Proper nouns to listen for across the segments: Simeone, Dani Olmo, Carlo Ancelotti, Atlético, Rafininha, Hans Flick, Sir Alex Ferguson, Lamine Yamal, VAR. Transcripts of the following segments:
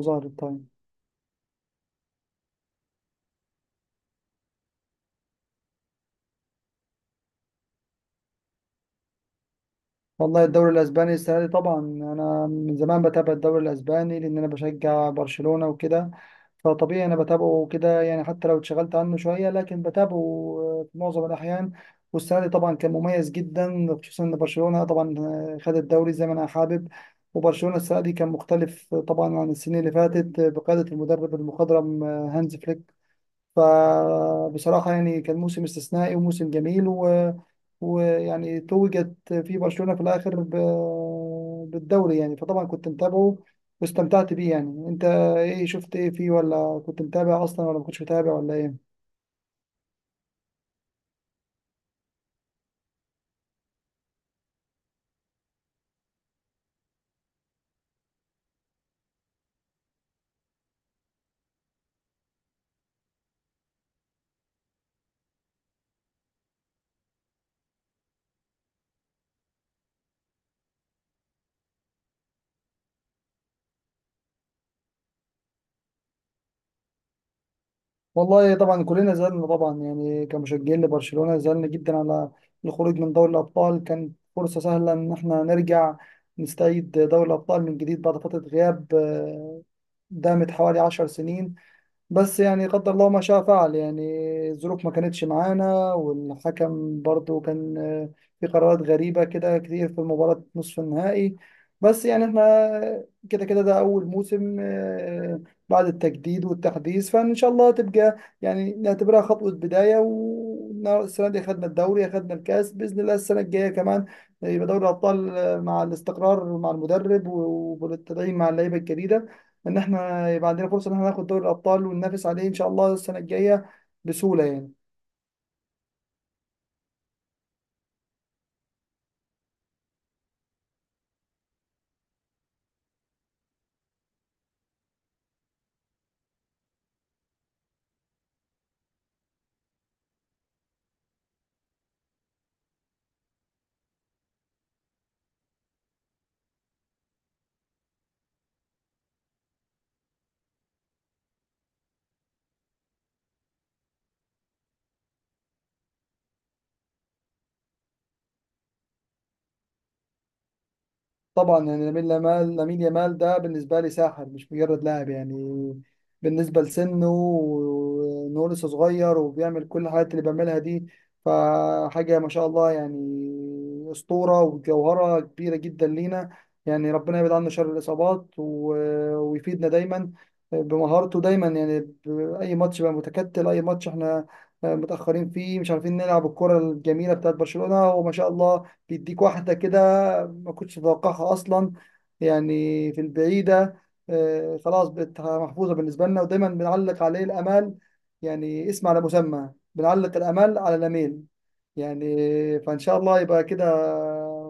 ظهر التايم. والله الدوري الاسباني السنه دي طبعا انا من زمان بتابع الدوري الاسباني لان انا بشجع برشلونه وكده. فطبيعي انا بتابعه كده يعني حتى لو اتشغلت عنه شويه لكن بتابعه، في معظم الاحيان. والسنه دي طبعا كان مميز جدا خصوصا ان برشلونه طبعا خد الدوري زي ما انا حابب. وبرشلونه السنه دي كان مختلف طبعا عن السنين اللي فاتت بقياده المدرب المخضرم هانز فليك. فبصراحه يعني كان موسم استثنائي وموسم جميل و ويعني توجت في برشلونة في الآخر بالدوري يعني، فطبعا كنت متابعه واستمتعت بيه يعني. انت ايه شفت ايه فيه، ولا كنت متابع اصلا ولا ما كنتش متابع ولا ايه؟ والله طبعا كلنا زعلنا طبعا يعني كمشجعين لبرشلونة، زعلنا جدا على الخروج من دوري الأبطال. كانت فرصة سهلة ان احنا نرجع نستعيد دوري الأبطال من جديد بعد فترة غياب دامت حوالي 10 سنين. بس يعني قدر الله ما شاء فعل، يعني الظروف ما كانتش معانا، والحكم برضو كان في قرارات غريبة كده كتير في مباراة نصف النهائي. بس يعني احنا كده كده، ده أول موسم آه، بعد التجديد والتحديث. فإن شاء الله تبقى يعني نعتبرها خطوة بداية. والسنة دي أخدنا الدوري، أخدنا الكاس، بإذن الله السنة الجاية كمان يبقى دوري الأبطال، مع الاستقرار مع المدرب وبالتدعيم مع اللعيبة الجديدة، ان احنا يبقى عندنا فرصه ان احنا ناخد دوري الابطال وننافس عليه ان شاء الله السنه الجايه بسهوله يعني. طبعا يعني لامين يامال، لامين يامال ده بالنسبه لي ساحر، مش مجرد لاعب يعني. بالنسبه لسنه وانه لسه صغير وبيعمل كل الحاجات اللي بيعملها دي، فحاجه ما شاء الله يعني. اسطوره وجوهره كبيره جدا لينا، يعني ربنا يبعد عنا شر الاصابات ويفيدنا دايما بمهارته دايما. يعني اي ماتش بقى متكتل، اي ماتش احنا متاخرين فيه مش عارفين نلعب الكره الجميله بتاعت برشلونه، وما شاء الله بيديك واحده كده حاجة ما كنتش أتوقعها أصلا. يعني في البعيدة خلاص بقت محفوظة بالنسبة لنا، ودايما بنعلق عليه الآمال، يعني اسم على مسمى بنعلق الآمال على الأميل يعني. فإن شاء الله يبقى كده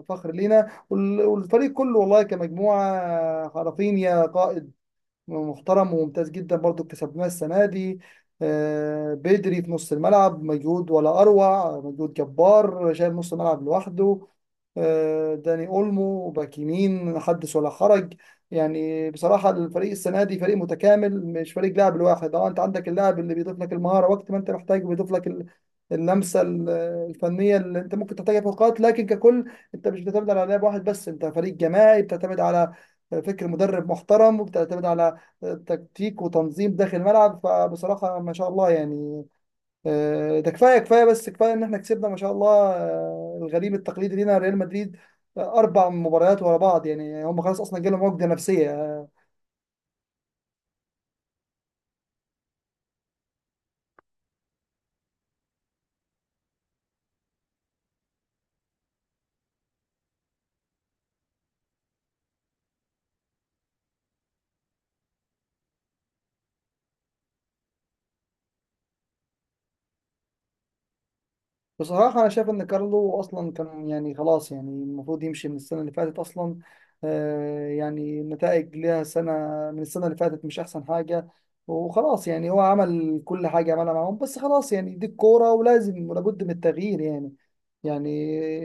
فخر لينا والفريق كله والله، كمجموعة. رافينيا قائد محترم وممتاز جدا برضو، اكتسبناه السنة دي. بدري في نص الملعب، مجهود ولا أروع، مجهود جبار شايل نص الملعب لوحده. داني أولمو باك يمين، حدث ولا حرج. يعني بصراحة الفريق السنة دي فريق متكامل، مش فريق لاعب الواحد. اه انت عندك اللاعب اللي بيضيف لك المهارة وقت ما انت محتاج، بيضيف لك اللمسة الفنية اللي انت ممكن تحتاجها في اوقات. لكن ككل انت مش بتعتمد على لاعب واحد بس، انت فريق جماعي بتعتمد على فكر مدرب محترم، وبتعتمد على تكتيك وتنظيم داخل الملعب. فبصراحة ما شاء الله يعني. ده كفاية كفاية، بس كفاية إن إحنا كسبنا ما شاء الله الغريم التقليدي لينا ريال مدريد، 4 مباريات ورا بعض. يعني هم خلاص أصلا جالهم عقدة نفسية بصراحة. أنا شايف إن كارلو أصلا كان يعني خلاص، يعني المفروض يمشي من السنة اللي فاتت أصلا. يعني النتائج ليها سنة، من السنة اللي فاتت مش أحسن حاجة. وخلاص يعني هو عمل كل حاجة عملها معاهم، بس خلاص يعني دي الكورة ولازم ولابد من التغيير يعني. يعني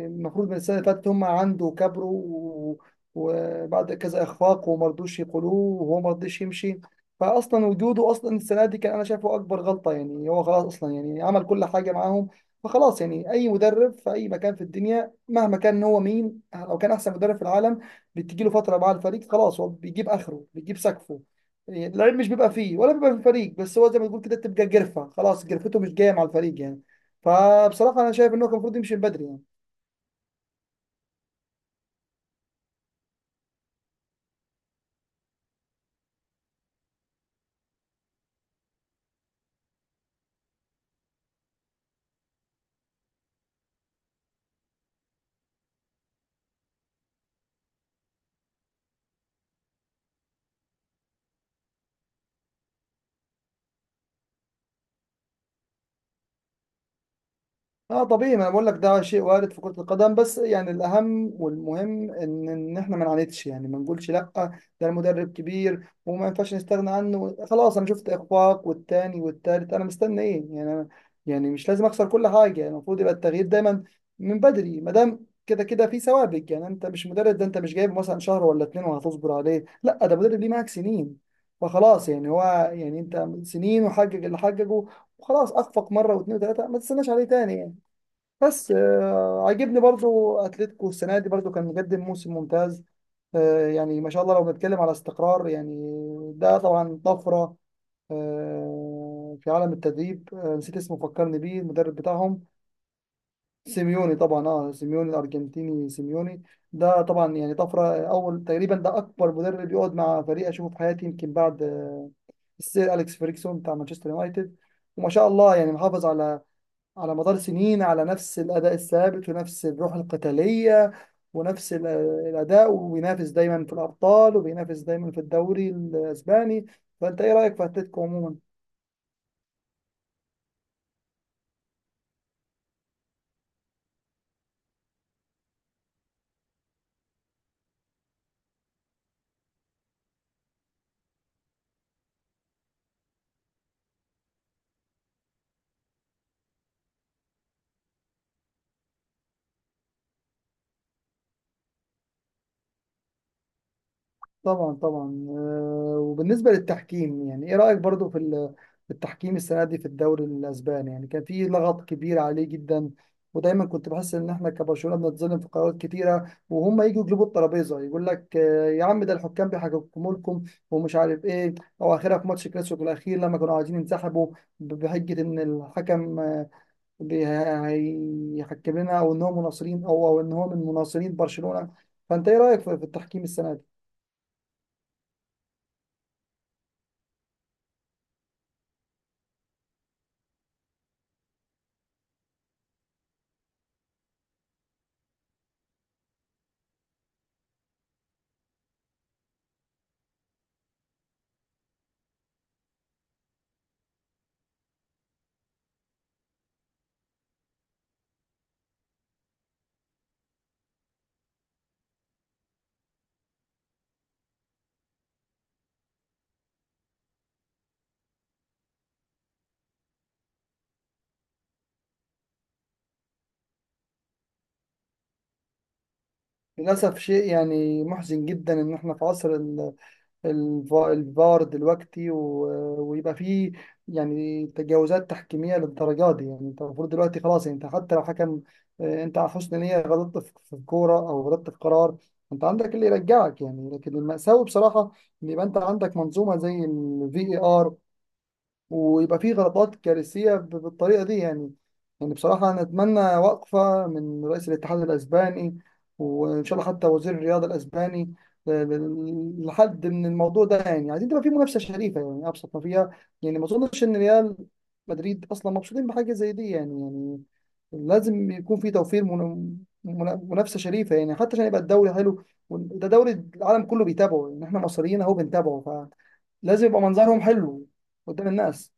المفروض من السنة اللي فاتت، هم عنده كبروا وبعد كذا إخفاق، وما رضوش يقولوه وهو ما رضيش يمشي. فأصلا وجوده أصلا السنة دي كان أنا شايفه أكبر غلطة، يعني هو خلاص أصلا يعني عمل كل حاجة معاهم. فخلاص يعني اي مدرب في اي مكان في الدنيا مهما كان هو مين، او كان احسن مدرب في العالم، بتجي له فتره مع الفريق، خلاص هو بيجيب اخره، بيجيب سقفه يعني. اللعيب مش بيبقى فيه ولا بيبقى في الفريق بس، هو زي ما تقول كده بتبقى جرفه، خلاص جرفته مش جايه مع الفريق يعني. فبصراحه انا شايف ان هو كان المفروض يمشي من بدري يعني. اه، طبيعي، ما انا بقول لك ده شيء وارد في كرة القدم. بس يعني الاهم والمهم ان احنا ما نعاندش، يعني ما نقولش لا ده المدرب كبير وما ينفعش نستغنى عنه. خلاص انا شفت اخفاق والتاني والتالت، انا مستني ايه يعني؟ أنا يعني مش لازم اخسر كل حاجة. يعني المفروض يبقى التغيير دايما من بدري ما دام كده كده في سوابق. يعني انت مش مدرب، ده انت مش جايب مثلا شهر ولا اتنين وهتصبر عليه، لا ده مدرب ليه معاك سنين. فخلاص يعني هو، يعني انت سنين وحقق اللي حققه، وخلاص اخفق مره واثنين وثلاثه، ما تستناش عليه تاني يعني. بس عاجبني برضو اتلتيكو السنه دي، برضو كان مقدم موسم ممتاز. يعني ما شاء الله لو بنتكلم على استقرار يعني، ده طبعا طفره في عالم التدريب. نسيت اسمه، فكرني بيه المدرب بتاعهم. سيميوني طبعا، سيميوني الارجنتيني، سيميوني. ده طبعا يعني طفره، اول تقريبا، ده اكبر مدرب يقعد مع فريق اشوفه في حياتي، يمكن بعد السير اليكس فيرجسون بتاع مانشستر يونايتد. وما شاء الله يعني محافظ على مدار سنين على نفس الأداء الثابت، ونفس الروح القتالية، ونفس الأداء، وبينافس دايما في الأبطال، وبينافس دايما في الدوري الأسباني. فأنت إيه رأيك في أتلتيكو عموما؟ طبعا طبعا، وبالنسبة للتحكيم، يعني ايه رأيك برضو في في التحكيم السنة دي في الدوري الأسباني؟ يعني كان في لغط كبير عليه جدا. ودايما كنت بحس ان احنا كبرشلونة بنتظلم في قرارات كتيرة، وهم يجوا يجلبوا الترابيزة يقول لك يا عم، ده الحكام بيحكموا لكم، ومش عارف ايه. او اخرها في ماتش كلاسيكو الاخير لما كانوا عايزين ينسحبوا بحجة ان الحكم هيحكم لنا، او ان هو مناصرين، او ان هو من مناصرين برشلونة. فانت ايه رأيك في التحكيم السنة دي؟ للأسف شيء يعني محزن جدا، إن إحنا في عصر الفار دلوقتي، ويبقى فيه يعني تجاوزات تحكيمية للدرجات دي. يعني أنت المفروض دلوقتي خلاص، يعني أنت حتى لو حكم أنت على حسن نية غلطت في كورة أو غلطت في قرار، أنت عندك اللي يرجعك يعني. لكن المأساوي بصراحة إن يبقى أنت عندك منظومة زي الـVAR، ويبقى فيه غلطات كارثية بالطريقة دي يعني. يعني بصراحة أنا أتمنى وقفة من رئيس الاتحاد الأسباني، وإن شاء الله حتى وزير الرياضة الأسباني، لحد من الموضوع ده. يعني عايزين تبقى فيه منافسة شريفة، يعني أبسط ما فيها. يعني ما أظنش إن ريال مدريد أصلا مبسوطين بحاجة زي دي يعني لازم يكون في توفير منافسة شريفة، يعني حتى عشان يبقى الدوري حلو. وده دوري العالم كله بيتابعه، يعني إحنا مصريين أهو بنتابعه، فلازم يبقى منظرهم حلو قدام الناس.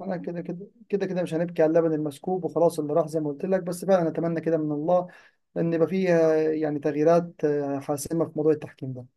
انا كده كده كده كده مش هنبكي على اللبن المسكوب، وخلاص اللي راح زي ما قلت لك. بس فعلا اتمنى كده من الله ان يبقى فيه يعني تغييرات حاسمه في موضوع التحكيم ده.